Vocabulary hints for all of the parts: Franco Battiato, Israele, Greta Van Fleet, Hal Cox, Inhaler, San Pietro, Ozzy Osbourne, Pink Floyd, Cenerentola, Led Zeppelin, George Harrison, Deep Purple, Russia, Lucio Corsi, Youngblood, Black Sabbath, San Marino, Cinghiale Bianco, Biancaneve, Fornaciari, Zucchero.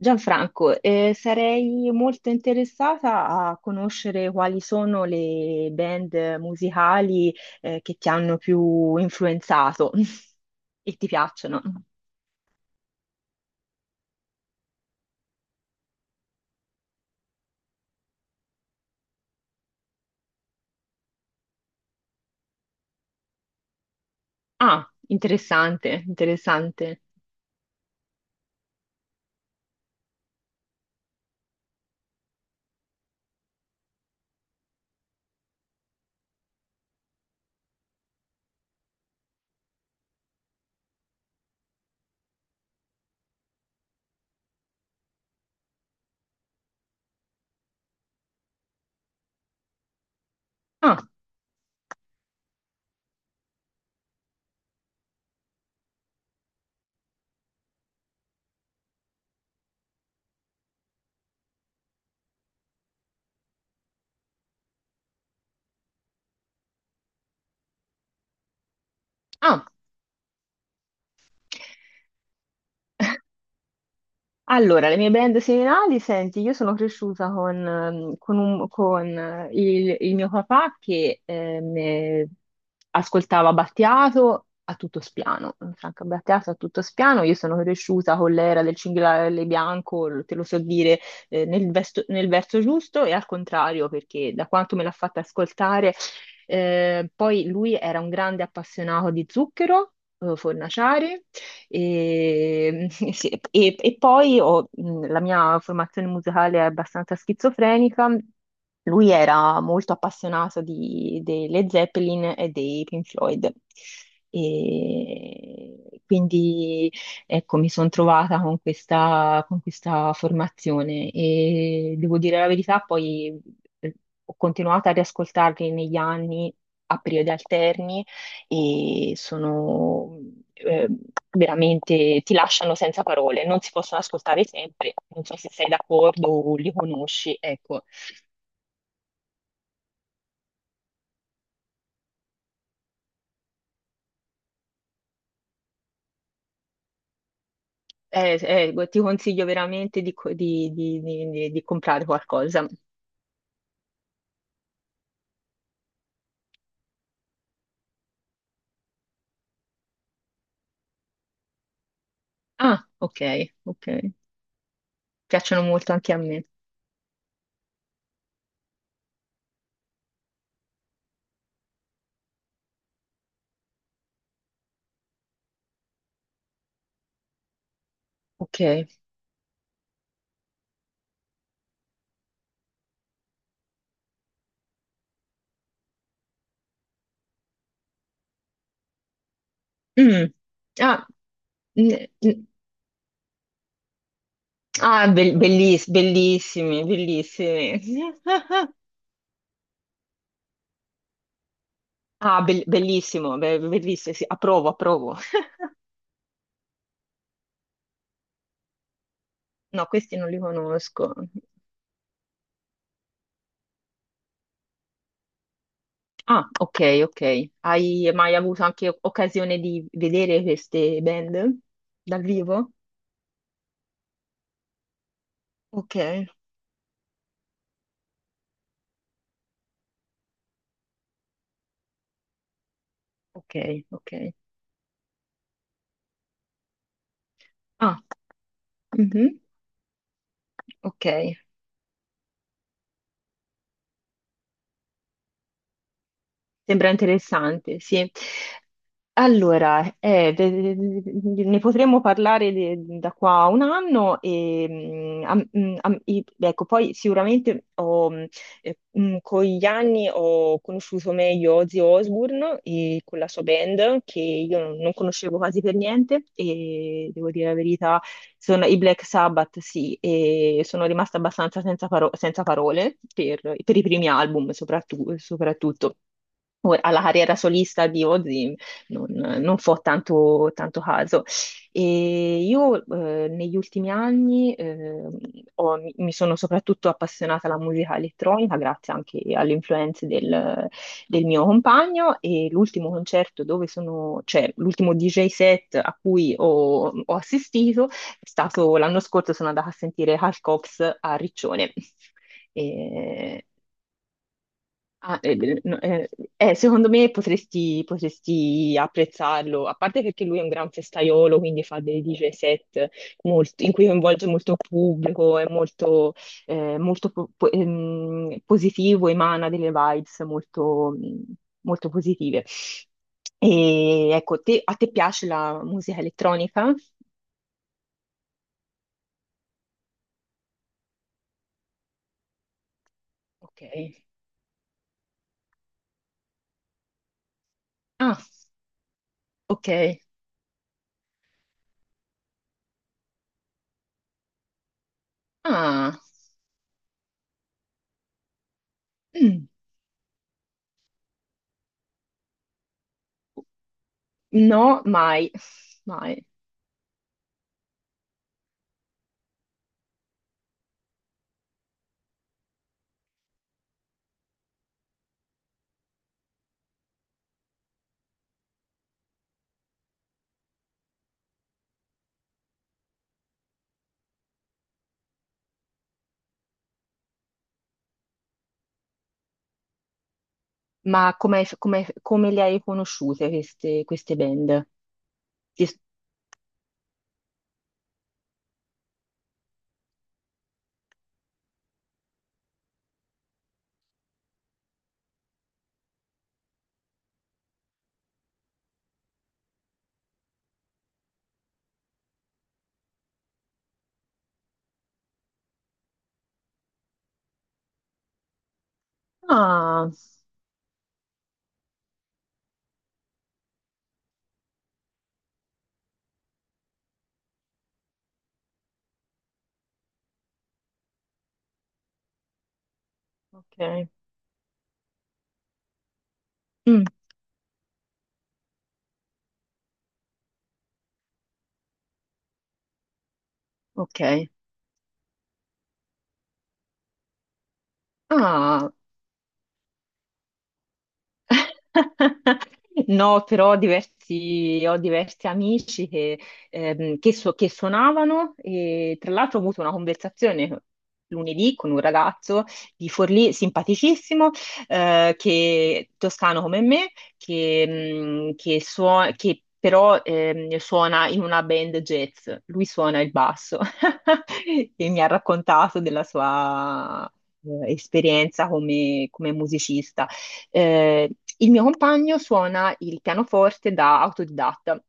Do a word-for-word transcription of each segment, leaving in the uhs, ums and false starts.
Gianfranco, eh, sarei molto interessata a conoscere quali sono le band musicali, eh, che ti hanno più influenzato e ti piacciono. Ah, interessante, interessante. Ah, ah. Allora, le mie band seminali, senti, io sono cresciuta con, ehm, con un- con, eh, il, il mio papà che ehm, eh, ascoltava Battiato a tutto spiano, Franco Battiato a tutto spiano. Io sono cresciuta con l'era del Cinghiale Bianco, lo- te lo so dire, eh, nel, vesto- nel verso giusto e al contrario, perché da quanto me l'ha fatta ascoltare, eh, poi lui era un grande appassionato di Zucchero, eh, Fornaciari. E, sì, e- e poi ho- mh, la mia formazione musicale è abbastanza schizofrenica. Lui era molto appassionato di, delle Zeppelin e dei Pink Floyd. E quindi ecco, mi sono trovata con questa, con questa formazione e devo dire la verità, poi eh, ho continuato a riascoltarli negli anni a periodi alterni e sono eh, veramente, ti lasciano senza parole, non si possono ascoltare sempre, non so se sei d'accordo o li conosci, ecco. Eh, eh, ti consiglio veramente di, co- di- di- di- di- di comprare qualcosa. Ah, ok, ok, piacciono molto anche a me, ok. Mm. Ah, mm, mm. Ah, be- belliss- bellissimi, bellissimi. Ah, be- bellissimo, be- bellissimo, sì, approvo, approvo. No, questi non li conosco. Ah, ok, ok. Hai mai avuto anche occasione di vedere queste band dal vivo? Ok, ok, ok. Ah, mhm, ok. Sembra interessante, sì. Allora, eh, de- de- de- de- ne potremmo parlare de- da qua a un anno e, mm, am- mm, am- i- ecco, poi sicuramente ho, mm, eh, mm, con gli anni ho conosciuto meglio Ozzy Osbourne e con la sua band che io non, non conoscevo quasi per niente e devo dire la verità, sono, i Black Sabbath sì, e sono rimasta abbastanza senza, paro- senza parole per, per i primi album soprattutto. Soprattutto. Ora, alla carriera solista di Ozzy non, non fo tanto, tanto caso. E io eh, negli ultimi anni eh, ho- mi mi sono soprattutto appassionata alla musica elettronica, grazie anche alle influenze del, del mio compagno. E l'ultimo concerto dove sono, cioè l'ultimo D J set a cui ho, ho assistito è stato l'anno scorso, sono andata a sentire Hal Cox a Riccione. E- Ah, eh, beh, no, eh, eh, secondo me potresti, potresti apprezzarlo, a parte perché lui è un gran festaiolo, quindi fa dei D J set molto- in cui coinvolge molto pubblico, è molto, eh, molto po- po- ehm, positivo, emana delle vibes molto, mh, molto positive. E ecco, te- a te piace la musica elettronica? Ok. Ah, ok. Ah, mm, no, mai, mai. Ma come, hai- come- come le hai conosciute queste, queste band? Ti- Ah, ok. Mm, ok. Ah, no, però ho diversi, ho diversi amici che, ehm, che so- che suonavano, e tra l'altro ho avuto una conversazione lunedì con un ragazzo di Forlì, simpaticissimo, eh, che, toscano come me, che, mm, che suo- che però ehm, suona in una band jazz, lui suona il basso e mi ha raccontato della sua eh, esperienza come come musicista. Eh, il mio compagno suona il pianoforte da autodidatta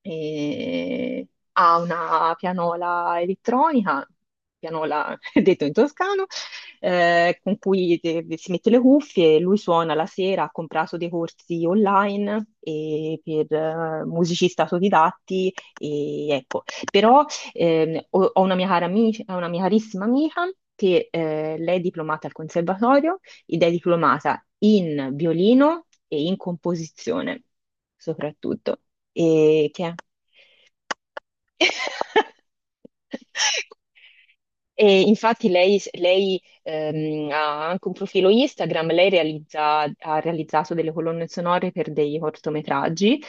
e ha una pianola elettronica, pianola detto in toscano, eh, con cui te- si mette le cuffie, lui suona la sera, ha comprato dei corsi online e per eh, musicisti autodidatti, e ecco, però ehm, ho, ho una mia cara amica, una mia carissima amica che eh, lei è diplomata al conservatorio ed è diplomata in violino e in composizione, soprattutto. E che è? E infatti lei, lei, ehm, ha anche un profilo Instagram, lei realizza- ha realizzato delle colonne sonore per dei cortometraggi,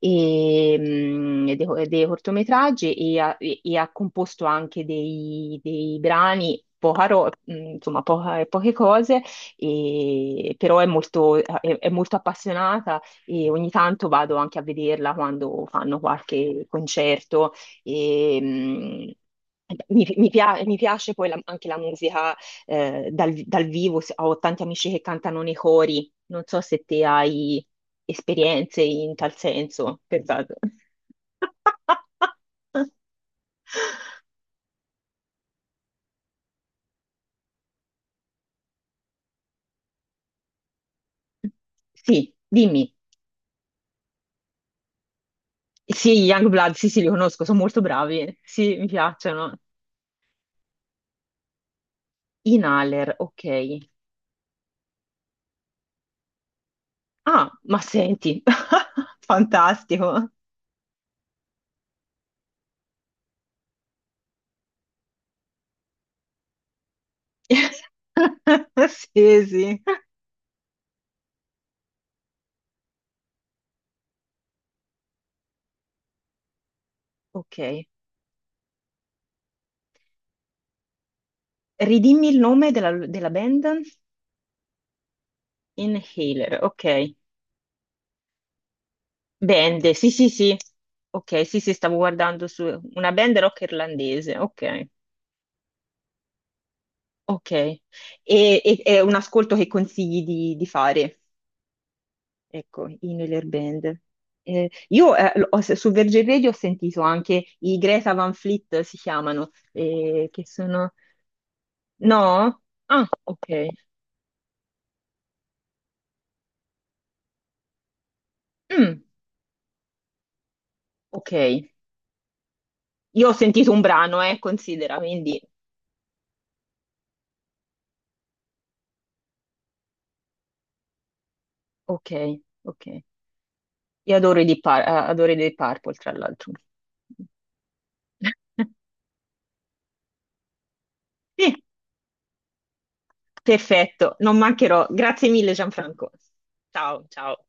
e, mm, dei, co- dei cortometraggi e ha, e- e ha composto anche dei, dei brani, poca ro- mm, insomma poca- poche cose, e- però è molto, è è molto appassionata e ogni tanto vado anche a vederla quando fanno qualche concerto. E, mi, mi pia- mi piace poi la- anche la musica eh, dal, dal vivo, s- ho tanti amici che cantano nei cori, non so se te hai esperienze in tal senso, per caso. Sì, dimmi. Sì, Youngblood, sì, sì, li conosco, sono molto bravi, sì, mi piacciono. Inhaler, ok. Ah, ma senti, fantastico. Sì, sì. Ok. Ridimmi il nome della, della band? Inhaler, ok. Band, sì, sì, sì. Ok, sì, sì, stavo guardando su una band rock irlandese, ok. Ok. E, e- è un ascolto che consigli di, di fare, ecco, Inhaler Band. Eh, io eh, l- ho- su Virgin Radio ho sentito anche i Greta Van Fleet, si chiamano, eh, che sono... No? Ah, ok. Mm, ok. Io ho sentito un brano, eh, considera, quindi... Ok, ok. Io adoro i Deep Pur- eh, adoro i Deep Purple, tra l'altro. Sì. Perfetto, non mancherò. Grazie mille, Gianfranco. Ciao, ciao.